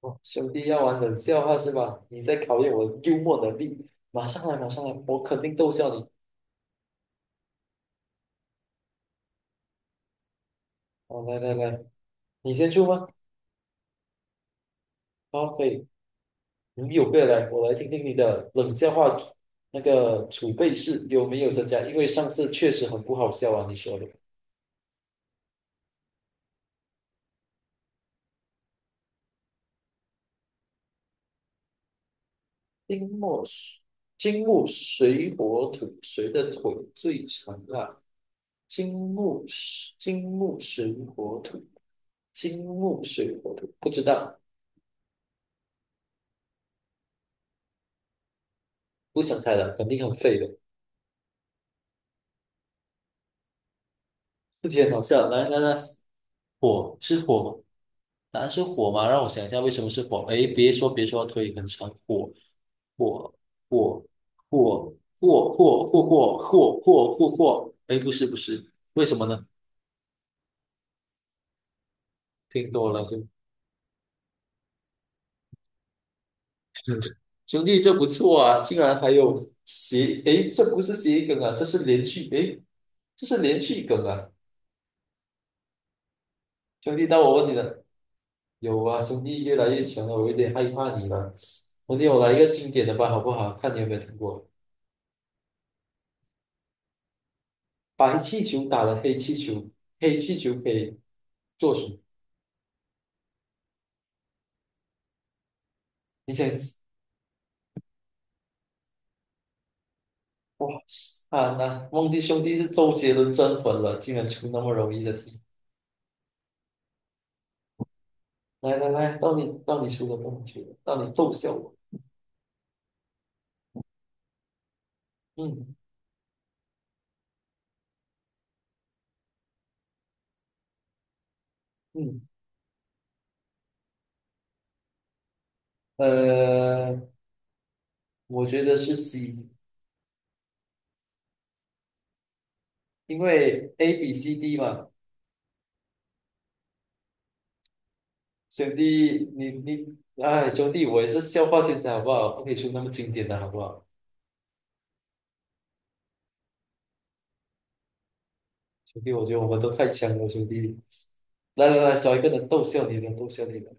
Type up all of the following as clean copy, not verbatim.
哦，兄弟要玩冷笑话是吧？你在考验我的幽默能力。马上来，马上来，我肯定逗笑你。哦，来来来，你先出吗？好，可以。你有备而来，我来听听你的冷笑话，那个储备室有没有增加？因为上次确实很不好笑啊，你说的。金木水，金木水火土，谁的腿最长啊？金木水，金木水火土，金木水火土，不知道，不想猜了，肯定很废的。这题很好笑。来来来，火是火吗？答案是火吗？让我想一下，为什么是火？哎，别说别说，腿很长，火火火火火火火火火火火火。哎，不是不是，为什么呢？听多了就 兄弟，这不错啊，竟然还有这不是谐音梗啊，这是连续梗啊。兄弟，到我问你了，有啊，兄弟越来越强了，我有点害怕你了。兄弟，我来一个经典的吧，好不好？看你有没有听过。白气球打了黑气球，黑气球可以做什么？你想，哇，啊，那忘记兄弟是周杰伦真粉了，竟然出那么容易的题。来来来，到你到你出了，到你出了，到你逗笑我。嗯嗯，呃，我觉得是 C，因为 A B C D 嘛。兄弟，哎，兄弟，我也是笑话天才好不好？不可以出那么经典的好不好？兄弟，我觉得我们都太强了，兄弟。来来来，找一个人逗笑你的，逗笑你的。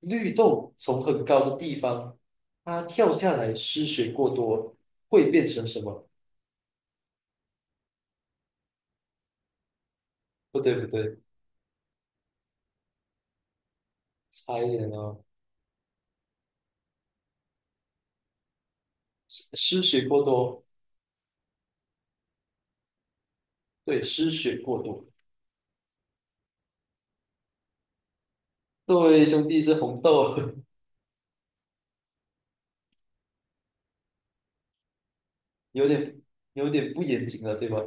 绿豆从很高的地方，它跳下来失血过多，会变成什么？不对不对，差一点哦，失血过多，对，失血过多。对，兄弟是红豆啊。有点有点不严谨了，对吧？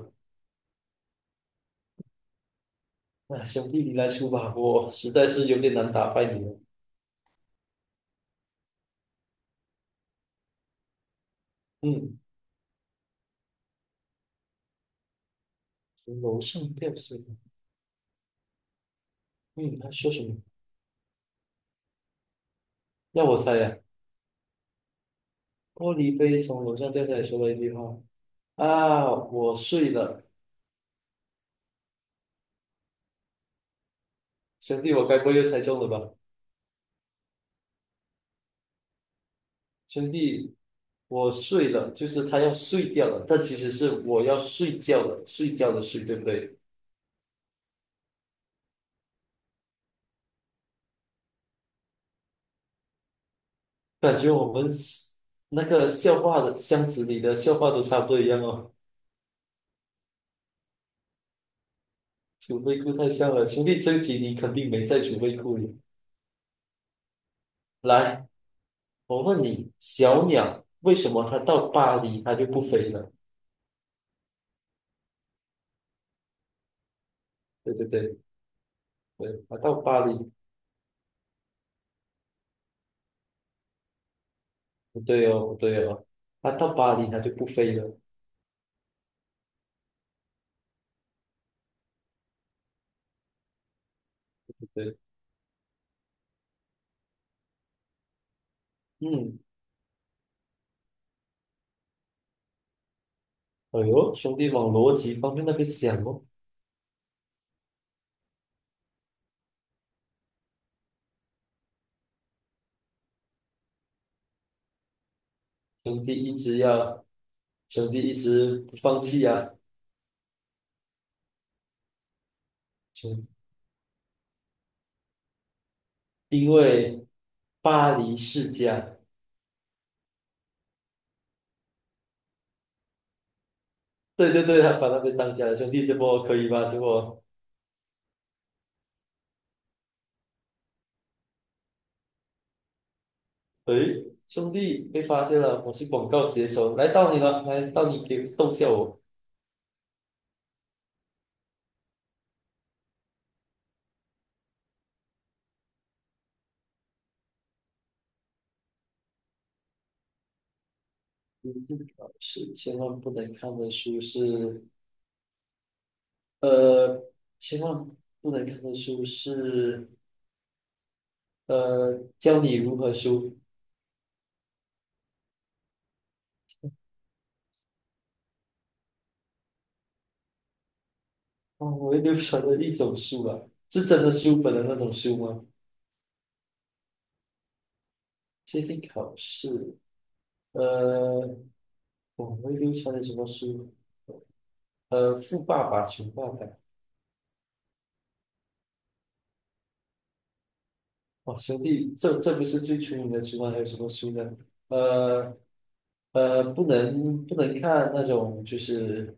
那兄弟你来出吧，我实在是有点难打败你了。嗯，从楼上掉下来，嗯，他说什么？要我猜呀，玻璃杯从楼上掉下来说了一句话，啊，我睡了，兄弟，我该不会又猜中了吧？兄弟，我睡了，就是他要睡掉了，但其实是我要睡觉了，睡觉的睡，对不对？感觉我们那个笑话的箱子里的笑话都差不多一样哦。储备库太像了，兄弟，这一题你肯定没在储备库里。来，我问你，小鸟为什么它到巴黎它就不飞了？对对对对，它到巴黎不对哦，不对哦，它到巴黎它就不飞了，对不对？嗯，哎呦，兄弟往逻辑方面那边想哦。兄弟一直要，兄弟一直不放弃啊，因为巴黎世家，对对对，他把那边当家的兄弟，这波可以吧？这波，诶，兄弟被发现了，我是广告写手，来到你了，来到你给逗笑我。是千万不能看的书是，呃，千万不能看的书是，教你如何输。哦，我会流传的一种书啊，是真的书本的那种书吗？接近考试，呃，我们流传的什么书？呃，《富爸爸穷爸爸》。哦，兄弟，这不是最出名的书吗？还有什么书呢？呃不能看那种就是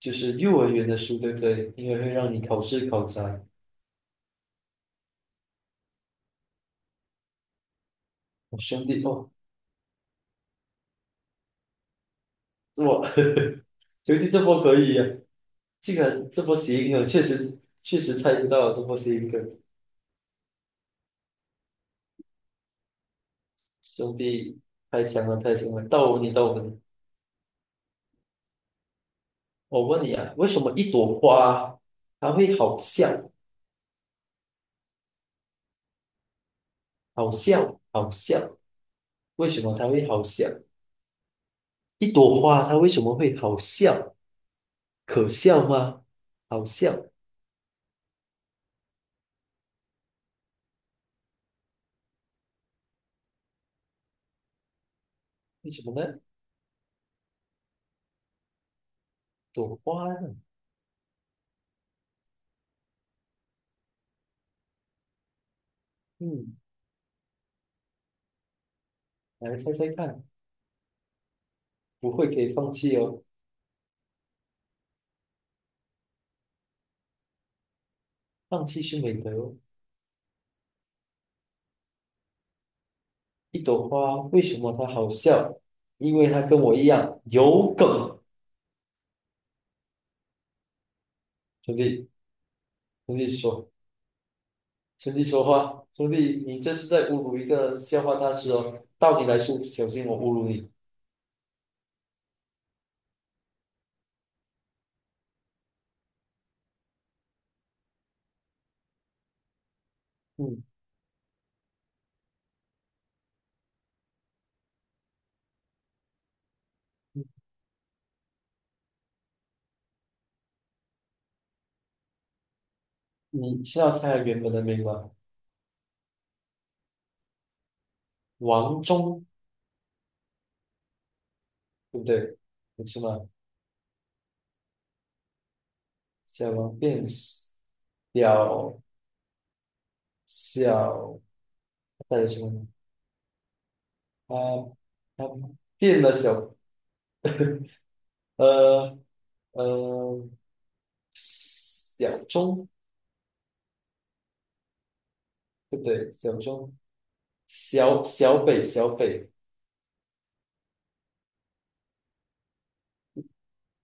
就是幼儿园的书，对不对？因为会让你考试考砸。我、兄弟哦，这我 兄弟这波可以呀，这个这波谐音梗确实猜不到，这波谐音梗，兄弟太强了太强了，到我你。我问你啊，为什么一朵花它会好笑？好笑，好笑，为什么它会好笑？一朵花它为什么会好笑？可笑吗？好笑，为什么呢？朵花呢？嗯，来猜猜看，不会可以放弃哦，放弃是美德哦。一朵花为什么它好笑？因为它跟我一样有梗。兄弟，兄弟说，兄弟说话，兄弟，你这是在侮辱一个笑话大师哦。到底来说，小心我侮辱你。嗯，你是要猜原本的名吗？王忠，对不对？不是吗？小王变小，小，他是什么呢？他他变了小，呃呃，小忠，对不对？小忠，小北，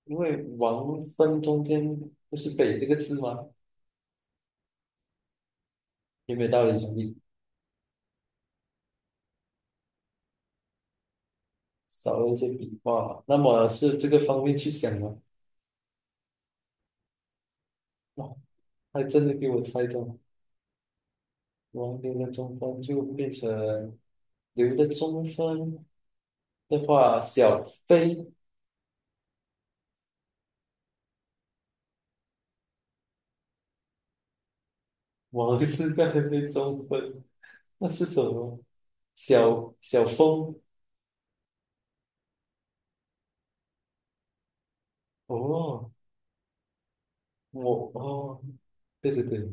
因为王分中间不是北这个字吗？有没有道理兄弟？少了一些笔画，那么是这个方面去想吗？哇，还真的给我猜中了。王林的中分就变成刘的中分的话，小飞，王是个人的中分，那是什么？小小峰。哦，我哦，对对对，